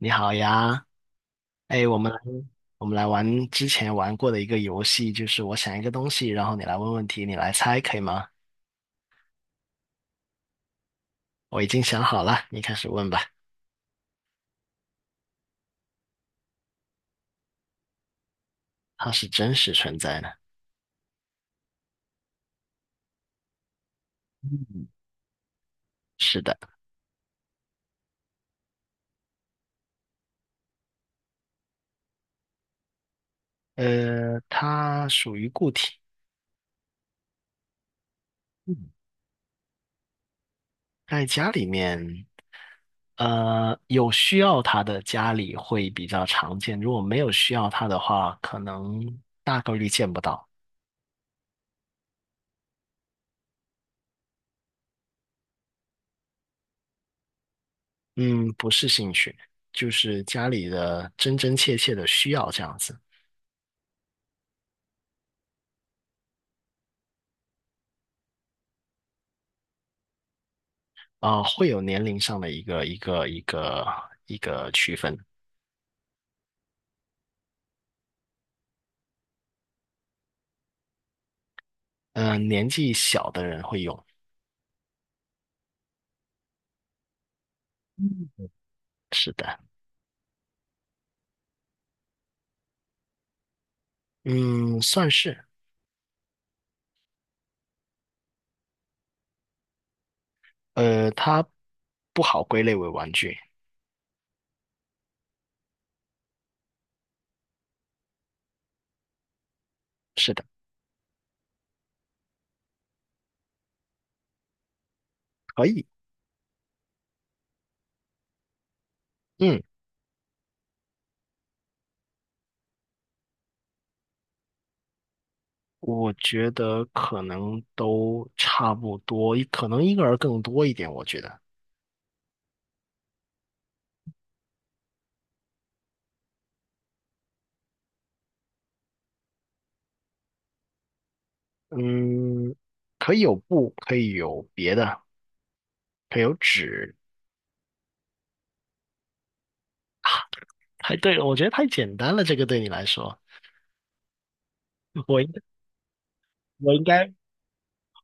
你好呀，哎，我们来玩之前玩过的一个游戏，就是我想一个东西，然后你来问问题，你来猜，可以吗？我已经想好了，你开始问吧。它是真实存在的。嗯，是的。它属于固体。嗯，在家里面，有需要它的家里会比较常见，如果没有需要它的话，可能大概率见不到。嗯，不是兴趣，就是家里的真真切切的需要这样子。啊、会有年龄上的一个区分。嗯、年纪小的人会用。嗯，是的。嗯，算是。它不好归类为玩具。是的。可以。嗯，我觉得可能都差不多，可能婴儿更多一点，我觉得。嗯，可以有布，可以有别的，可以有纸。啊，太对了，我觉得太简单了，这个对你来说，我应我应该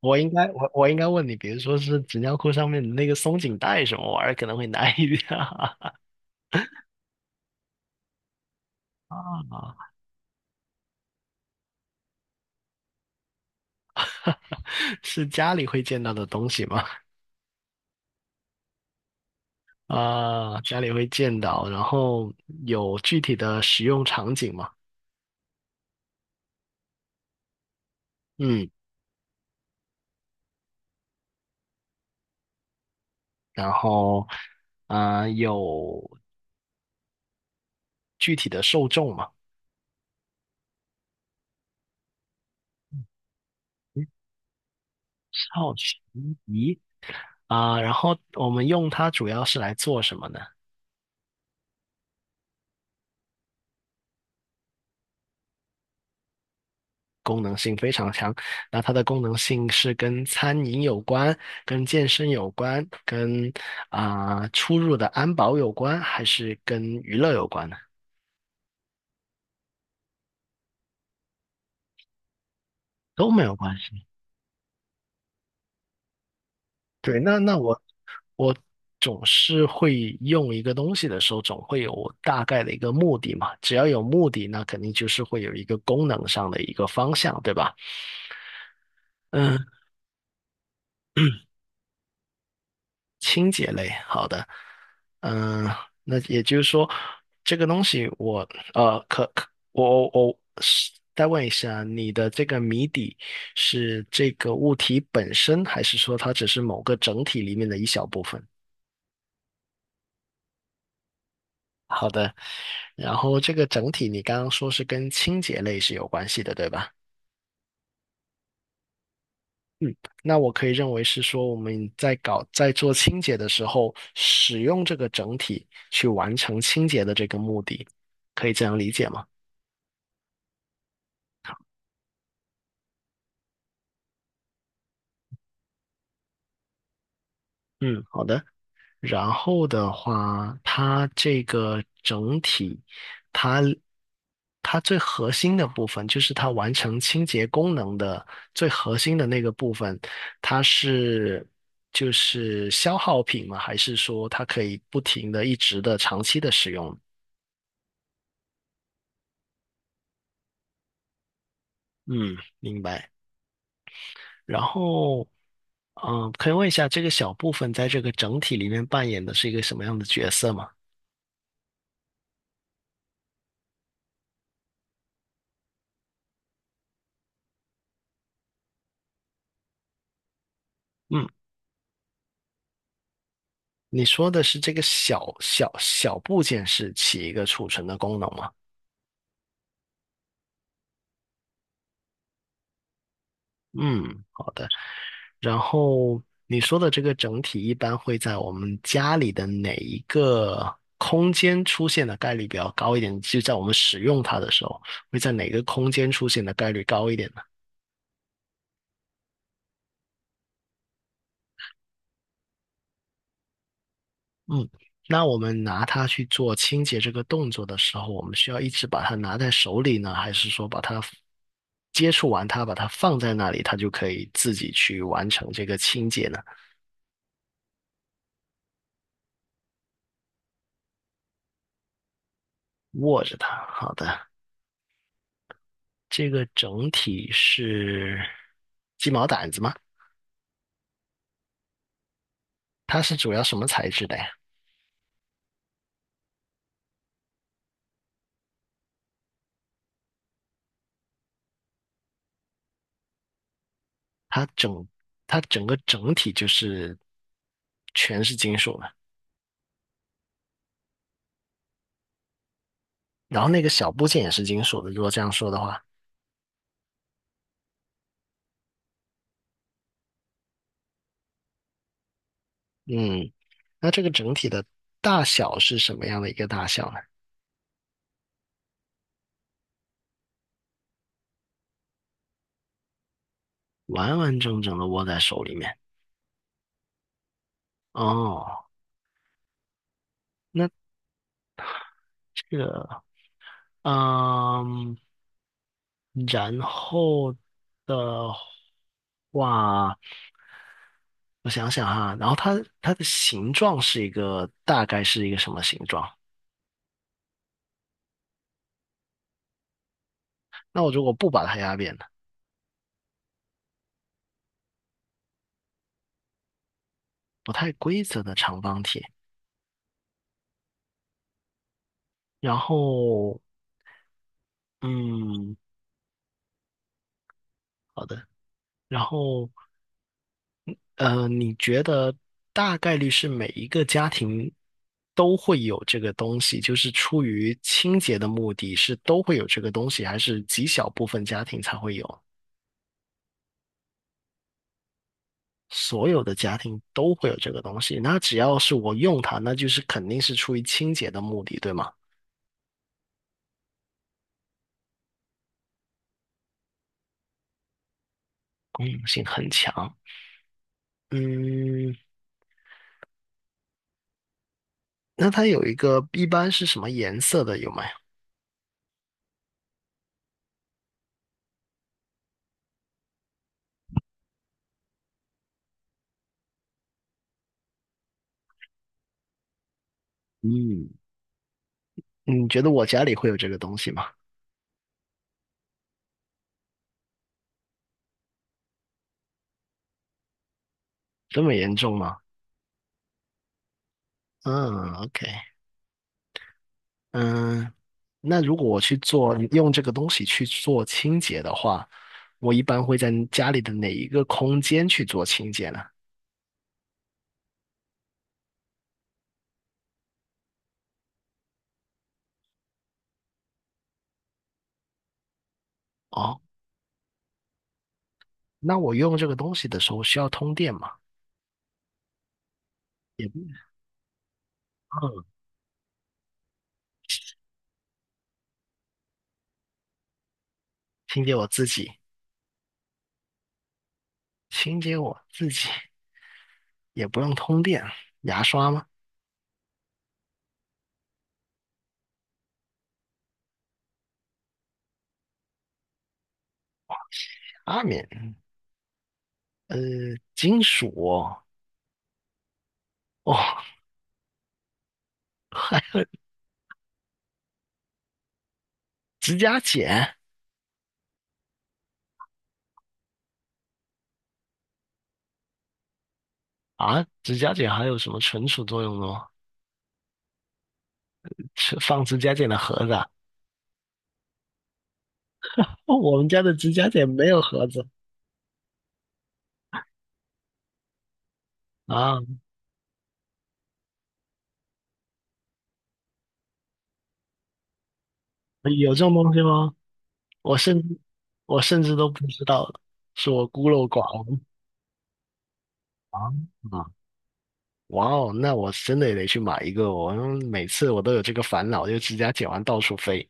我应该问你，比如说是纸尿裤上面的那个松紧带什么玩意儿，可能会难一点啊。啊，是家里会见到的东西吗？啊，家里会见到，然后有具体的使用场景吗？嗯，然后啊，有具体的受众吗？嗯，好奇仪啊，然后我们用它主要是来做什么呢？功能性非常强。那它的功能性是跟餐饮有关、跟健身有关、跟啊、出入的安保有关，还是跟娱乐有关呢？都没有关系。对，那我总是会用一个东西的时候，总会有我大概的一个目的嘛。只要有目的，那肯定就是会有一个功能上的一个方向，对吧？嗯。清洁类，好的。嗯，那也就是说，这个东西我，呃，可可，我是再问一下，你的这个谜底是这个物体本身，还是说它只是某个整体里面的一小部分？好的，然后这个整体你刚刚说是跟清洁类是有关系的，对吧？嗯，那我可以认为是说，我们在搞在做清洁的时候，使用这个整体去完成清洁的这个目的，可以这样理解吗？嗯，好的。然后的话，它这个整体，它它最核心的部分，就是它完成清洁功能的最核心的那个部分，它是就是消耗品吗？还是说它可以不停的、一直的、长期的使用？嗯，明白。然后，嗯、可以问一下这个小部分在这个整体里面扮演的是一个什么样的角色吗？嗯，你说的是这个小部件是起一个储存的功能吗？嗯，好的。然后你说的这个整体一般会在我们家里的哪一个空间出现的概率比较高一点？就在我们使用它的时候，会在哪个空间出现的概率高一点？呢？嗯，那我们拿它去做清洁这个动作的时候，我们需要一直把它拿在手里呢，还是说把它接触完它，把它放在那里，它就可以自己去完成这个清洁呢？握着它，好的。这个整体是鸡毛掸子吗？它是主要什么材质的呀？它整它整个整体就是全是金属的，然后那个小部件也是金属的，如果这样说的话。嗯，那这个整体的大小是什么样的一个大小呢？完完整整的握在手里面。哦，那这个，嗯，然后的话，我想想哈，然后它的形状是一个大概是一个什么形状？那我如果不把它压扁呢？不太规则的长方体。然后，嗯，好的。然后。呃，你觉得大概率是每一个家庭都会有这个东西，就是出于清洁的目的，是都会有这个东西，还是极小部分家庭才会有？所有的家庭都会有这个东西，那只要是我用它，那就是肯定是出于清洁的目的，对吗？功能性很强。嗯，那它有一个一般是什么颜色的有没有？嗯，你觉得我家里会有这个东西吗？这么严重吗？嗯，OK。嗯，那如果我去做，用这个东西去做清洁的话，我一般会在家里的哪一个空间去做清洁呢？哦，那我用这个东西的时候需要通电吗？也不，嗯，清洁我自己，清洁我自己也不用通电，牙刷吗？阿敏，呃，金属哦，哦， 还有指甲剪啊，指甲剪还有什么存储作用的吗？是放指甲剪的盒子啊？哦，我们家的指甲剪没有盒子。啊，有这种东西吗？我甚至我甚至都不知道，是我孤陋寡闻啊！哇哦，那我真的也得去买一个哦，我每次我都有这个烦恼，就指甲剪完到处飞。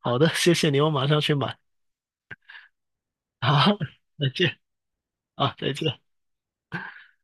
好的，谢谢你，我马上去买。好，再见啊，再见。